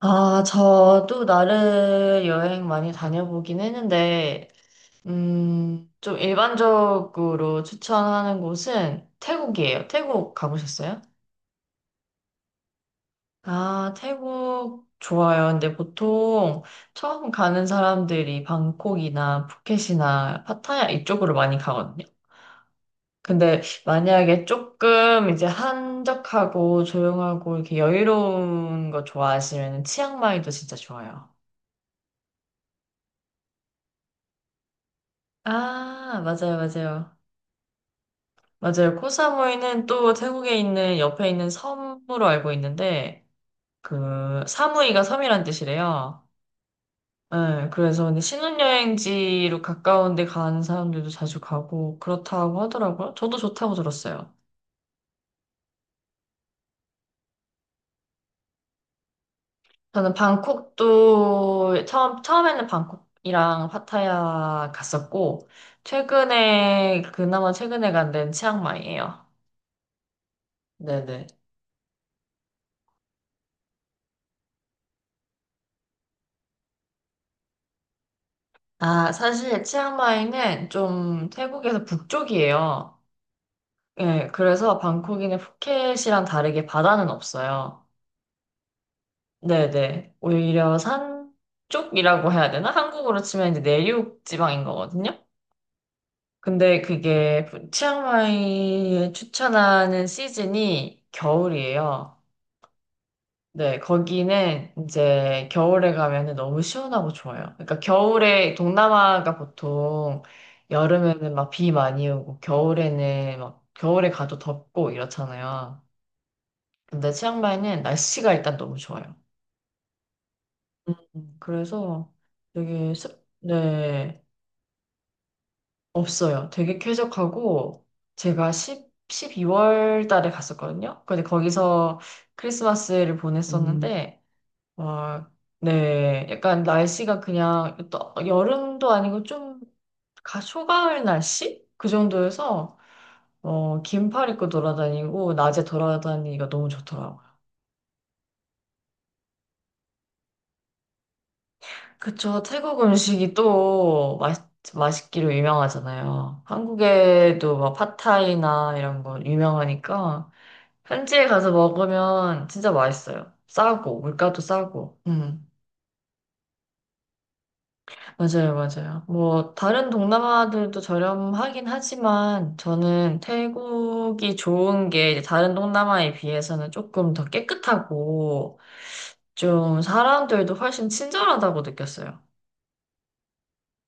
아, 저도 나를 여행 많이 다녀보긴 했는데, 좀 일반적으로 추천하는 곳은 태국이에요. 태국 가보셨어요? 아, 태국 좋아요. 근데 보통 처음 가는 사람들이 방콕이나 푸켓이나 파타야 이쪽으로 많이 가거든요. 근데 만약에 조금 이제 한적하고 조용하고 이렇게 여유로운 거 좋아하시면 치앙마이도 진짜 좋아요. 아, 맞아요, 맞아요. 맞아요. 코사무이는 또 태국에 있는 옆에 있는 섬으로 알고 있는데 그 사무이가 섬이란 뜻이래요. 네, 그래서 근데 신혼여행지로 가까운 데 가는 사람들도 자주 가고 그렇다고 하더라고요. 저도 좋다고 들었어요. 저는 방콕도 처음에는 방콕이랑 파타야 갔었고 최근에 그나마 최근에 간 데는 치앙마이예요. 네네. 아, 사실 치앙마이는 좀 태국에서 북쪽이에요. 예, 그래서 방콕이의 푸켓이랑 다르게 바다는 없어요. 네네. 오히려 산 쪽이라고 해야 되나? 한국으로 치면 이제 내륙 지방인 거거든요. 근데 그게 푸- 치앙마이에 추천하는 시즌이 겨울이에요. 네, 거기는 이제 겨울에 가면은 너무 시원하고 좋아요. 그러니까 겨울에 동남아가 보통 여름에는 막 비 많이 오고 겨울에는 막 겨울에 가도 덥고 이렇잖아요. 근데 치앙마이는 날씨가 일단 너무 좋아요. 그래서 되게 습- 네, 없어요. 되게 쾌적하고 제가 10, 12월 달에 갔었거든요. 근데 거기서 크리스마스를 보냈었는데 와, 네, 약간 날씨가 그냥 또 여름도 아니고 좀 가- 초가을 날씨? 그 정도여서 긴팔 입고 돌아다니고 낮에 돌아다니기가 너무 좋더라고요. 그쵸. 태국 음식이 또 맛, 맛있기로 유명하잖아요. 한국에도 막 팟타이나 이런 거 유명하니까 현지에 가서 먹으면 진짜 맛있어요. 싸고, 물가도 싸고. 맞아요, 맞아요. 뭐, 다른 동남아들도 저렴하긴 하지만 저는 태국이 좋은 게 이제 다른 동남아에 비해서는 조금 더 깨끗하고 좀 사람들도 훨씬 친절하다고 느꼈어요.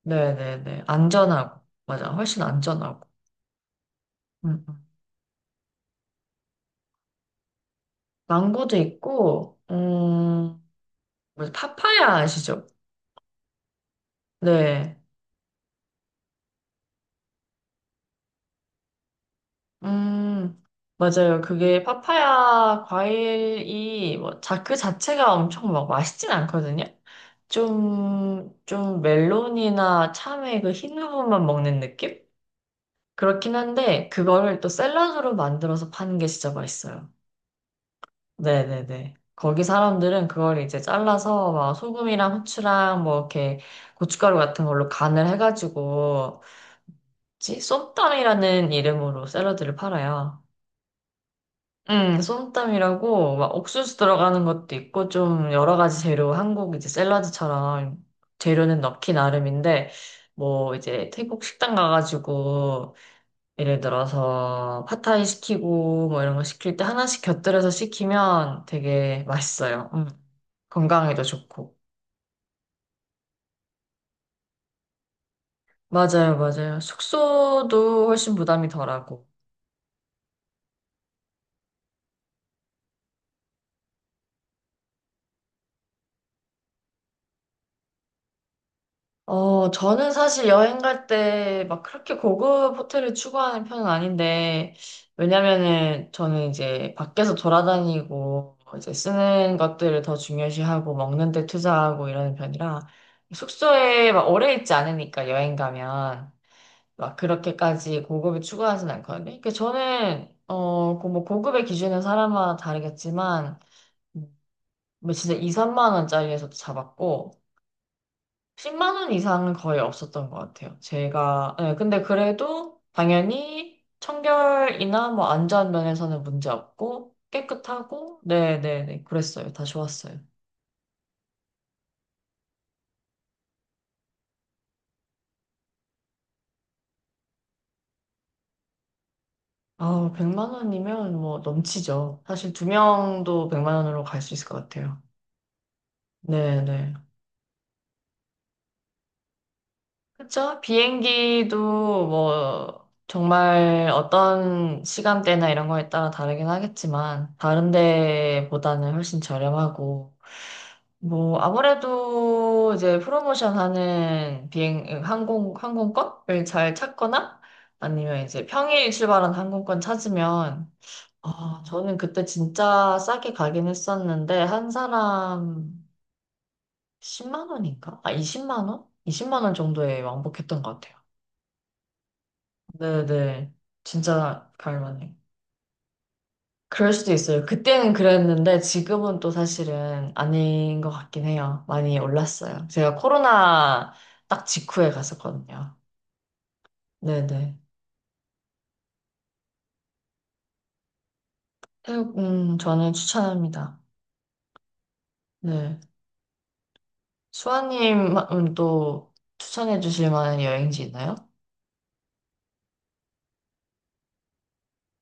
네네네. 안전하고. 맞아. 훨씬 안전하고. 음, 음. 망고도 있고, 뭐지? 파파야 아시죠? 네. 음, 맞아요. 그게 파파야 과일이 뭐, 자, 그 자체가 엄청 막 맛있진 않거든요? 좀 멜론이나 참외 그 흰 부분만 먹는 느낌? 그렇긴 한데, 그거를 또 샐러드로 만들어서 파는 게 진짜 맛있어요. 네네네. 거기 사람들은 그걸 이제 잘라서 막 소금이랑 후추랑 뭐 이렇게 고춧가루 같은 걸로 간을 해가지고 뭐지? 쏨땀이라는 이름으로 샐러드를 팔아요. 쏨땀이라고 막 옥수수 들어가는 것도 있고 좀 여러 가지 재료 한국 이제 샐러드처럼 재료는 넣기 나름인데 뭐 이제 태국 식당 가가지고 예를 들어서 팟타이 시키고 뭐 이런 거 시킬 때 하나씩 곁들여서 시키면 되게 맛있어요. 음. 건강에도 좋고. 맞아요, 맞아요. 숙소도 훨씬 부담이 덜하고. 저는 사실 여행 갈 때 막 그렇게 고급 호텔을 추구하는 편은 아닌데, 왜냐면은 저는 이제 밖에서 돌아다니고, 이제 쓰는 것들을 더 중요시하고, 먹는 데 투자하고 이러는 편이라, 숙소에 막 오래 있지 않으니까 여행 가면. 막 그렇게까지 고급을 추구하진 않거든요. 그러니까 저는 그 뭐 고급의 기준은 사람마다 다르겠지만 뭐 진짜 2, 3만 원짜리에서도 잡았고 10만 원 이상은 거의 없었던 것 같아요. 제가 예, 근데 그래도 당연히 청결이나 뭐 안전 면에서는 문제 없고 깨끗하고 네네네 그랬어요. 다 좋았어요. 아, 100만 원이면 뭐 넘치죠. 사실 두 명도 100만 원으로 갈 수 있을 것 같아요. 네네. 그쵸? 비행기도 뭐 정말 어떤 시간대나 이런 거에 따라 다르긴 하겠지만 다른 데보다는 훨씬 저렴하고 뭐 아무래도 이제 프로모션 하는 비행 항공권을 잘 찾거나 아니면 이제 평일 출발한 항공권 찾으면 아, 저는 그때 진짜 싸게 가긴 했었는데 한 사람 10만 원인가? 아, 이십만 원? 20만 원 정도에 왕복했던 것 같아요. 네네. 진짜 갈만해. 그럴 수도 있어요. 그때는 그랬는데 지금은 또 사실은 아닌 것 같긴 해요. 많이 올랐어요. 제가 코로나 딱 직후에 갔었거든요. 네네. 태국, 저는 추천합니다. 네. 수아님은 또 추천해 주실 만한 여행지 있나요?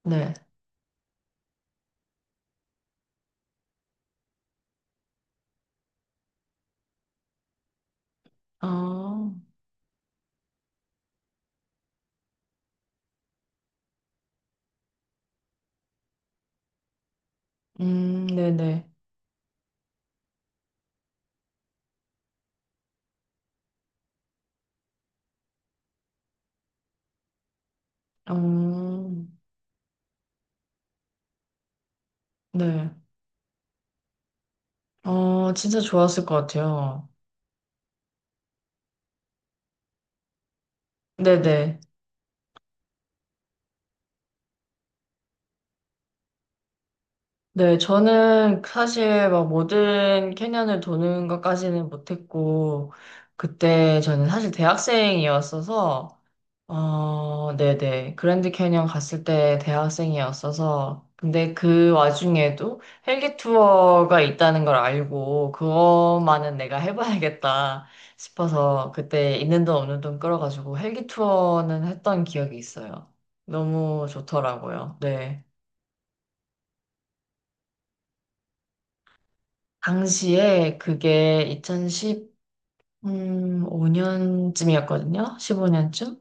네. 아 네네. 음, 네. 어, 진짜 좋았을 것 같아요. 네네. 네, 저는 사실 막 모든 캐년을 도는 것까지는 못했고, 그때 저는 사실 대학생이었어서, 어, 네네. 그랜드 캐년 갔을 때 대학생이었어서, 근데 그 와중에도 헬기 투어가 있다는 걸 알고, 그것만은 내가 해봐야겠다 싶어서, 그때 있는 돈 없는 돈 끌어가지고 헬기 투어는 했던 기억이 있어요. 너무 좋더라고요. 네. 당시에 그게 2015년쯤이었거든요. 15년쯤?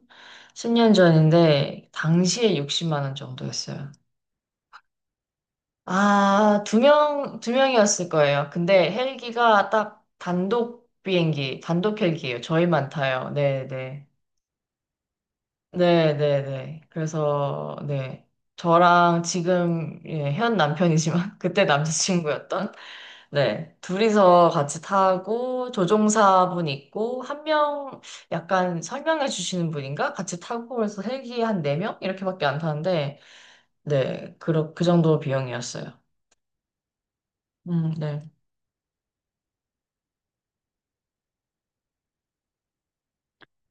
10년 전인데, 당시에 60만 원 정도였어요. 아, 두 명이었을 거예요. 근데 헬기가 딱 단독 비행기, 단독 헬기예요. 저희만 타요. 네네. 네, 네, 네. 그래서, 네. 저랑 지금, 예, 현 남편이지만, 그때 남자친구였던, 네. 둘이서 같이 타고, 조종사분 있고, 한 명, 약간 설명해 주시는 분인가? 같이 타고, 그래서 헬기 한 네명 이렇게밖에 안 타는데, 네. 그 정도 비용이었어요. 네.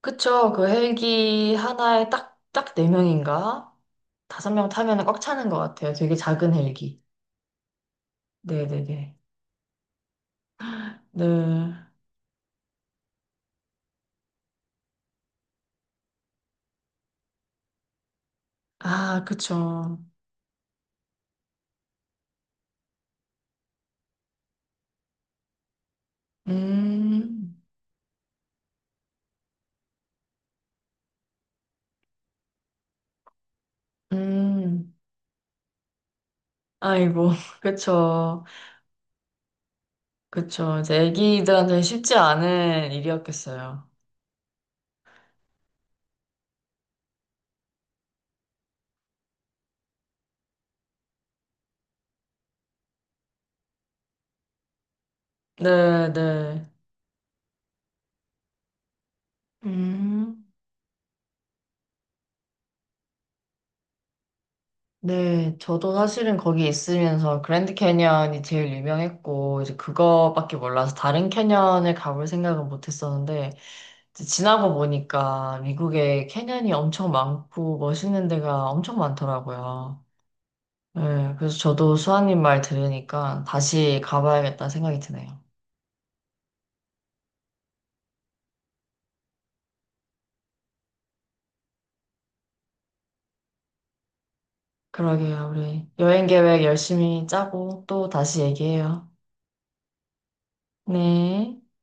그쵸. 그 헬기 하나에 딱 네명인가 다섯 명 타면 꽉 차는 것 같아요. 되게 작은 헬기. 네네네. 네. 아, 그쵸. 음, 음, 아이고, 그쵸. 그쵸. 이제 애기들한테 쉽지 않은 일이었겠어요. 네, 네. 음, 네. 저도 사실은 거기 있으면서 그랜드 캐니언이 제일 유명했고, 이제 그거밖에 몰라서 다른 캐니언을 가볼 생각은 못 했었는데, 이제 지나고 보니까 미국에 캐니언이 엄청 많고 멋있는 데가 엄청 많더라고요. 네, 그래서 저도 수아님 말 들으니까 다시 가봐야겠다 생각이 드네요. 그러게요. 우리 여행 계획 열심히 짜고 또 다시 얘기해요. 네.